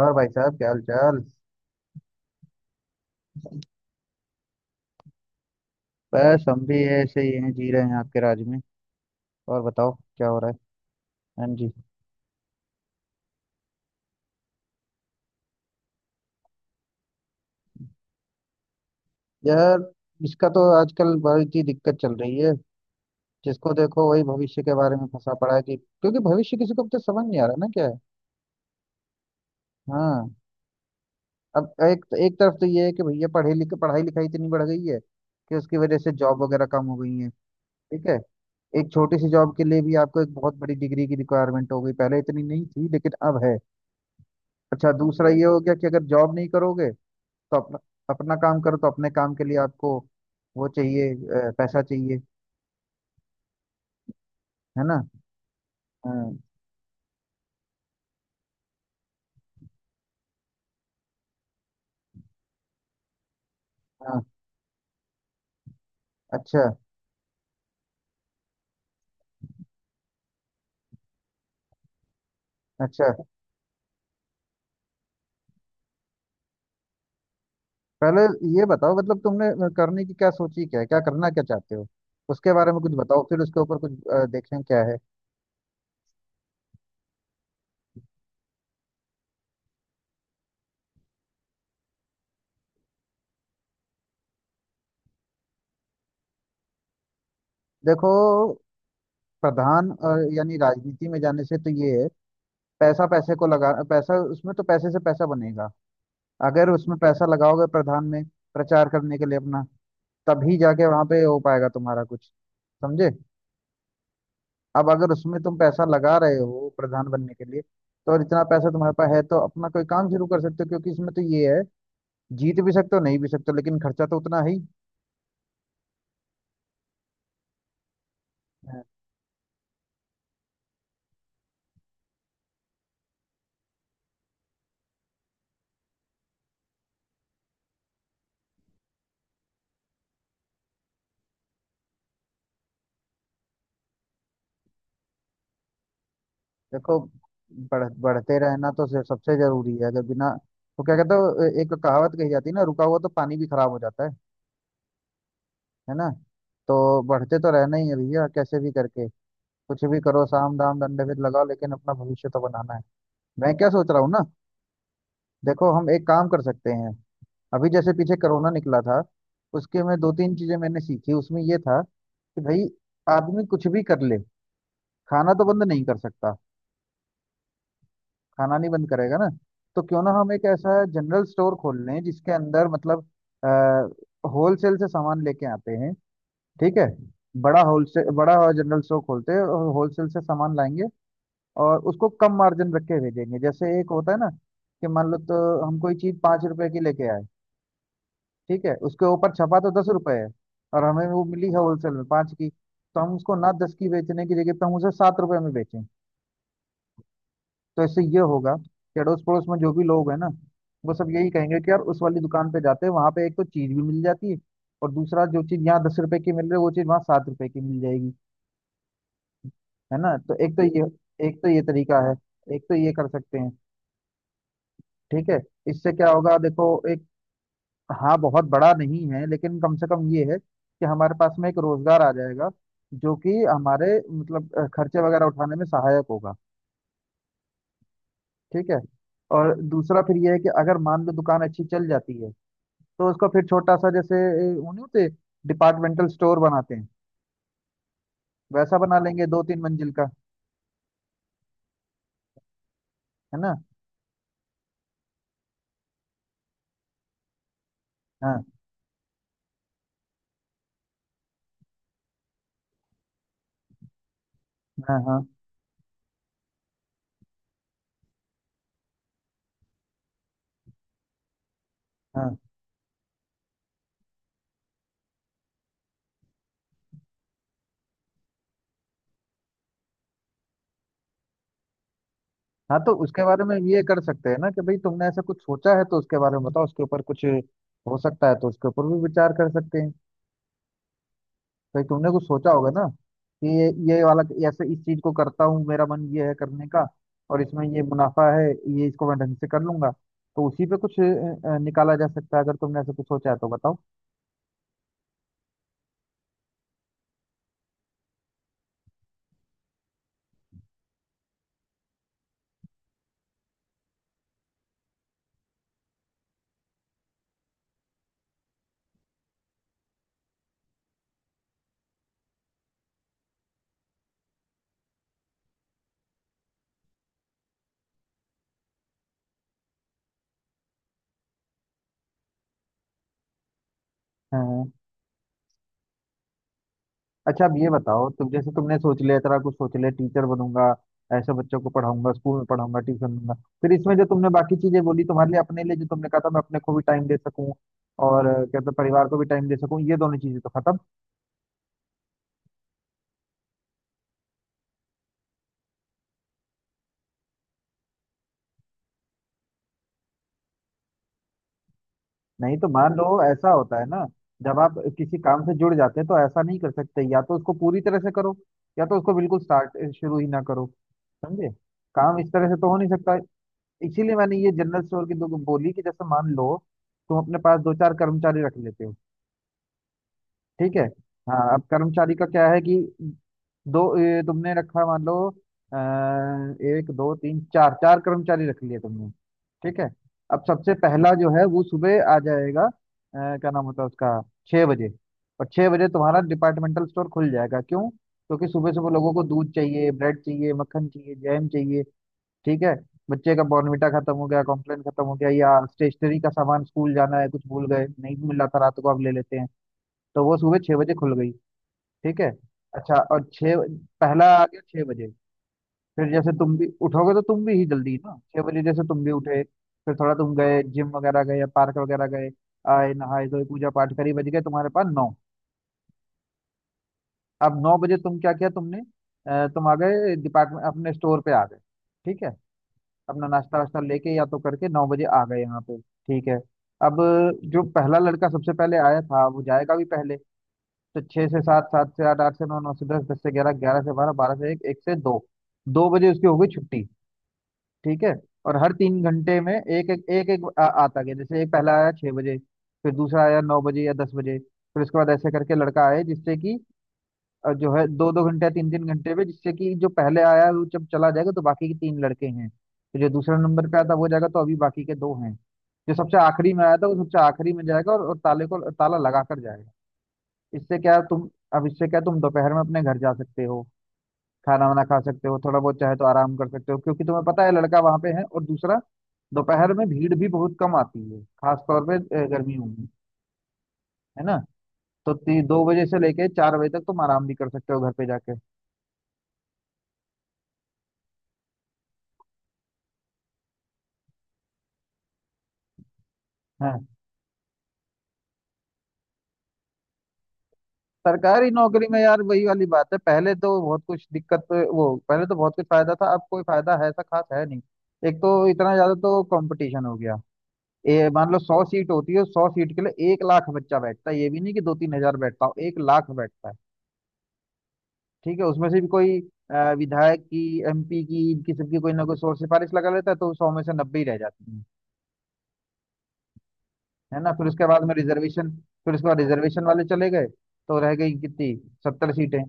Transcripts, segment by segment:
और भाई साहब क्या हाल चाल। बस हम भी ऐसे ही हैं जी रहे हैं आपके राज में। और बताओ क्या हो रहा है। हाँ जी। यार इसका तो आजकल बहुत ही दिक्कत चल रही है। जिसको देखो वही भविष्य के बारे में फंसा पड़ा है कि क्योंकि भविष्य किसी को तो समझ नहीं आ रहा ना क्या है। हाँ। अब एक एक तरफ तो ये है कि भैया पढ़े लिखे पढ़ाई लिखाई इतनी बढ़ गई है कि उसकी वजह से जॉब वगैरह कम हो गई है। ठीक है। एक छोटी सी जॉब के लिए भी आपको एक बहुत बड़ी डिग्री की रिक्वायरमेंट हो गई पहले इतनी नहीं थी लेकिन अब है। अच्छा दूसरा ये हो गया कि अगर जॉब नहीं करोगे तो अपना अपना काम करो तो अपने काम के लिए आपको वो चाहिए पैसा चाहिए। है ना। हाँ हाँ। अच्छा अच्छा पहले ये बताओ मतलब तुमने करने की क्या सोची क्या है क्या करना क्या चाहते हो। उसके बारे में कुछ बताओ फिर उसके ऊपर कुछ देखें क्या है। देखो प्रधान यानी राजनीति में जाने से तो ये है। पैसा पैसे को लगा पैसा उसमें तो पैसे से पैसा बनेगा। अगर उसमें पैसा लगाओगे प्रधान में प्रचार करने के लिए अपना तभी जाके वहां पे हो पाएगा तुम्हारा कुछ। समझे। अब अगर उसमें तुम पैसा लगा रहे हो प्रधान बनने के लिए तो और इतना पैसा तुम्हारे पास है तो अपना कोई काम शुरू कर सकते हो क्योंकि इसमें तो ये है। जीत भी सकते हो नहीं भी सकते हो लेकिन खर्चा तो उतना ही है। देखो बढ़ते रहना तो सबसे जरूरी है अगर बिना वो क्या कहते हो एक कहावत कही जाती है ना रुका हुआ तो पानी भी खराब हो जाता है। है ना। तो बढ़ते तो रहना ही है भैया कैसे भी करके। कुछ भी करो साम दाम दंडभेद लगाओ लेकिन अपना भविष्य तो बनाना है। मैं क्या सोच रहा हूँ ना। देखो हम एक काम कर सकते हैं। अभी जैसे पीछे कोरोना निकला था उसके में दो तीन चीजें मैंने सीखी उसमें ये था कि भाई आदमी कुछ भी कर ले खाना तो बंद नहीं कर सकता। खाना नहीं बंद करेगा ना। तो क्यों ना हम एक ऐसा जनरल स्टोर खोल लें जिसके अंदर मतलब होलसेल से सामान लेके आते हैं। ठीक है। बड़ा होलसेल बड़ा जनरल स्टोर खोलते हैं और होलसेल से सामान लाएंगे और उसको कम मार्जिन रख के भेजेंगे जैसे एक होता है ना कि मान लो तो हम कोई चीज 5 रुपए की लेके आए। ठीक है। उसके ऊपर छपा तो 10 रुपए है और हमें वो मिली है होलसेल में पाँच की तो हम उसको ना दस की बेचने की जगह पे हम उसे 7 रुपए में बेचें। तो इससे ये होगा कि अड़ोस पड़ोस में जो भी लोग हैं ना वो सब यही कहेंगे कि यार उस वाली दुकान पे जाते हैं वहां पे एक तो चीज भी मिल जाती है और दूसरा जो चीज यहाँ दस रुपए की मिल रही है वो चीज वहाँ सात रुपए की मिल जाएगी। है ना तो एक तो ये तरीका है। एक तो ये कर सकते हैं। ठीक है। इससे क्या होगा देखो एक। हाँ बहुत बड़ा नहीं है लेकिन कम से कम ये है कि हमारे पास में एक रोजगार आ जाएगा जो कि हमारे मतलब खर्चे वगैरह उठाने में सहायक होगा। ठीक है। और दूसरा फिर ये है कि अगर मान लो दुकान अच्छी चल जाती है तो उसको फिर छोटा सा जैसे वो नहीं होते डिपार्टमेंटल स्टोर बनाते हैं वैसा बना लेंगे दो तीन मंजिल का। है ना। हाँ हाँ हाँ हाँ हाँ। तो उसके बारे में ये कर सकते हैं ना कि भाई तुमने ऐसा कुछ सोचा है तो उसके बारे में बताओ उसके ऊपर कुछ हो सकता है तो उसके ऊपर भी विचार कर सकते हैं। फिर तुमने कुछ सोचा होगा ना कि ये वाला ऐसे इस चीज को करता हूँ मेरा मन ये है करने का और इसमें ये मुनाफा है। ये इसको मैं ढंग से कर लूंगा। तो उसी पे कुछ निकाला जा सकता है अगर तुमने ऐसा कुछ सोचा है तो बताओ। हाँ हाँ। अच्छा अब ये बताओ तुम जैसे तुमने सोच लिया इतना कुछ सोच लिया टीचर बनूंगा ऐसे बच्चों को पढ़ाऊंगा स्कूल में पढ़ाऊंगा ट्यूशन दूंगा। फिर इसमें जो तुमने बाकी चीजें बोली तुम्हारे लिए अपने लिए जो तुमने कहा था मैं अपने को भी टाइम दे सकूं और कहते हैं, परिवार को भी टाइम दे सकूं ये दोनों चीजें तो खत्म। नहीं तो मान लो ऐसा होता है ना जब आप किसी काम से जुड़ जाते हैं तो ऐसा नहीं कर सकते या तो उसको पूरी तरह से करो या तो उसको बिल्कुल स्टार्ट शुरू ही ना करो। समझे। काम इस तरह से तो हो नहीं सकता। इसीलिए मैंने ये जनरल स्टोर की दो बोली कि जैसे मान लो तुम अपने पास दो चार कर्मचारी रख लेते हो। ठीक है। हाँ अब कर्मचारी का क्या है कि दो तुमने रखा मान लो आ, एक दो तीन चार चार कर्मचारी रख लिए तुमने। ठीक है। अब सबसे पहला जो है वो सुबह आ जाएगा क्या नाम होता है उसका छः बजे और छः बजे तुम्हारा डिपार्टमेंटल स्टोर खुल जाएगा क्यों क्योंकि सुबह सुबह लोगों को दूध चाहिए ब्रेड चाहिए मक्खन चाहिए जैम चाहिए। ठीक है। बच्चे का बॉर्नविटा खत्म हो गया कॉम्प्लेन खत्म हो गया या स्टेशनरी का सामान स्कूल जाना है कुछ भूल गए नहीं मिल रहा था रात को अब ले लेते हैं। तो वो सुबह छह बजे खुल गई। ठीक है। अच्छा और छः पहला आ गया छह बजे फिर जैसे तुम भी उठोगे तो तुम भी ही जल्दी ना छह बजे जैसे तुम भी उठे फिर थोड़ा तुम गए जिम वगैरह गए या पार्क वगैरह गए आए नहाए धोए पूजा पाठ करी बज गए तुम्हारे पास नौ। अब नौ बजे तुम क्या किया तुमने तुम आ गए डिपार्टमेंट अपने स्टोर पे आ गए। ठीक है। अपना नाश्ता वास्ता लेके या तो करके नौ बजे आ गए यहाँ पे ठीक है। अब जो पहला लड़का सबसे पहले आया था वो जाएगा भी पहले। तो छह से सात सात से आठ आठ से नौ नौ से दस दस से ग्यारह ग्यारह से बारह बारह से एक एक से दो दो बजे उसकी हो गई छुट्टी। ठीक है। और हर 3 घंटे में एक एक आता गया जैसे एक पहला आया छह बजे। फिर दूसरा आया नौ बजे या दस बजे फिर उसके बाद ऐसे करके लड़का आए जिससे कि जो है दो दो घंटे या तीन तीन घंटे में जिससे कि जो पहले आया वो जब चला जाएगा तो बाकी के तीन लड़के हैं तो जो दूसरा नंबर पे आया था वो जाएगा तो अभी बाकी के दो हैं। जो सबसे आखिरी में आया था वो सबसे आखिरी में जाएगा और ताले को ताला लगा कर जाएगा। इससे क्या तुम। अब इससे क्या तुम दोपहर में अपने घर जा सकते हो खाना वाना खा सकते हो थोड़ा बहुत चाहे तो आराम कर सकते हो क्योंकि तुम्हें पता है लड़का वहां पे है और दूसरा दोपहर में भीड़ भी बहुत कम आती है खास तौर पे गर्मियों में। है ना। तो दो बजे से लेके चार बजे तक तुम आराम भी कर सकते हो घर पे जाके। हाँ। सरकारी नौकरी में यार वही वाली बात है पहले तो बहुत कुछ दिक्कत वो पहले तो बहुत कुछ फायदा था अब कोई फायदा है ऐसा खास है नहीं। एक तो इतना ज्यादा तो कंपटीशन हो गया ये मान लो 100 सीट होती है सौ सीट के लिए 1 लाख बच्चा बैठता है ये भी नहीं कि दो तीन हजार बैठता हो एक लाख बैठता है। ठीक है। उसमें से भी कोई विधायक की एमपी की इनकी सबकी कोई ना कोई शोर सिफारिश लगा लेता है तो सौ में से 90 ही रह जाती है। है ना फिर उसके बाद में रिजर्वेशन फिर उसके बाद रिजर्वेशन वाले चले गए। तो रह गई कितनी 70 सीटें।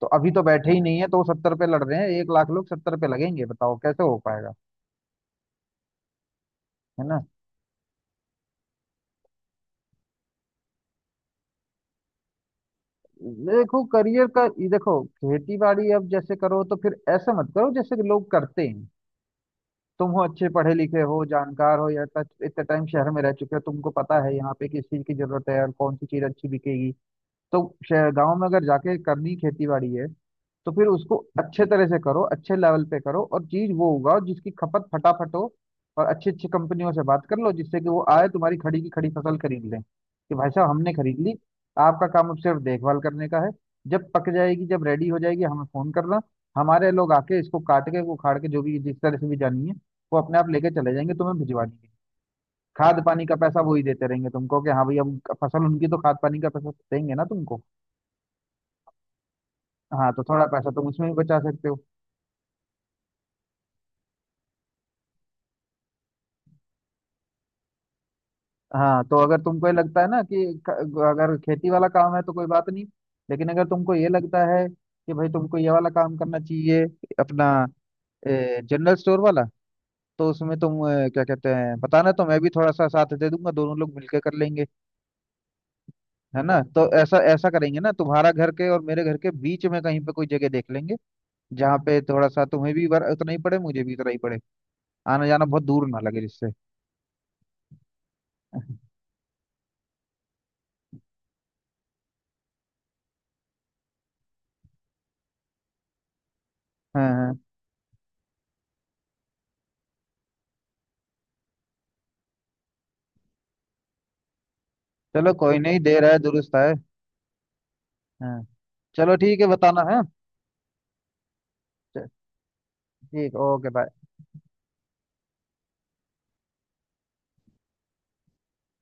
तो अभी तो बैठे ही नहीं है तो सत्तर पे लड़ रहे हैं एक लाख लोग सत्तर पे लगेंगे बताओ कैसे हो पाएगा। है ना। देखो करियर का ये देखो खेती बाड़ी अब जैसे करो तो फिर ऐसा मत करो जैसे कि लोग करते हैं। तुम हो अच्छे पढ़े लिखे हो जानकार हो या टच इतने टाइम शहर में रह चुके हो तुमको पता है यहाँ पे किस चीज की जरूरत है और कौन सी चीज अच्छी बिकेगी। तो शहर गांव में अगर जाके करनी खेती बाड़ी है तो फिर उसको अच्छे तरह से करो अच्छे लेवल पे करो और चीज वो उगाओ जिसकी खपत फटाफट हो और अच्छी अच्छी कंपनियों से बात कर लो जिससे कि वो आए तुम्हारी खड़ी की खड़ी फसल खरीद लें कि भाई साहब हमने खरीद ली। आपका काम अब सिर्फ देखभाल करने का है। जब पक जाएगी जब रेडी हो जाएगी हमें फोन करना हमारे लोग आके इसको काट के उखाड़ के जो भी जिस तरह से भी जानी है वो अपने आप लेके चले जाएंगे तुम्हें भिजवा देंगे। खाद पानी का पैसा वो ही देते रहेंगे तुमको कि हाँ भैया अब फसल उनकी तो खाद पानी का पैसा देंगे ना तुमको। हाँ तो थोड़ा पैसा तुम उसमें भी बचा सकते हो। हाँ तो अगर तुमको ये लगता है ना कि अगर खेती वाला काम है तो कोई बात नहीं लेकिन अगर तुमको ये लगता है कि भाई तुमको ये वाला काम करना चाहिए अपना जनरल स्टोर वाला तो उसमें तुम क्या कहते हैं बताना तो मैं भी थोड़ा सा साथ दे दूंगा दोनों लोग मिलकर कर लेंगे। है ना तो ऐसा ऐसा करेंगे ना तुम्हारा घर के और मेरे घर के बीच में कहीं पे कोई जगह देख लेंगे जहाँ पे थोड़ा सा तुम्हें भी उतना ही पड़े मुझे भी उतना ही पड़े आना जाना बहुत दूर ना लगे जिससे। हाँ हाँ। चलो कोई नहीं देर है दुरुस्त है। हाँ। चलो ठीक है बताना है। च- ठीक ओके बाय।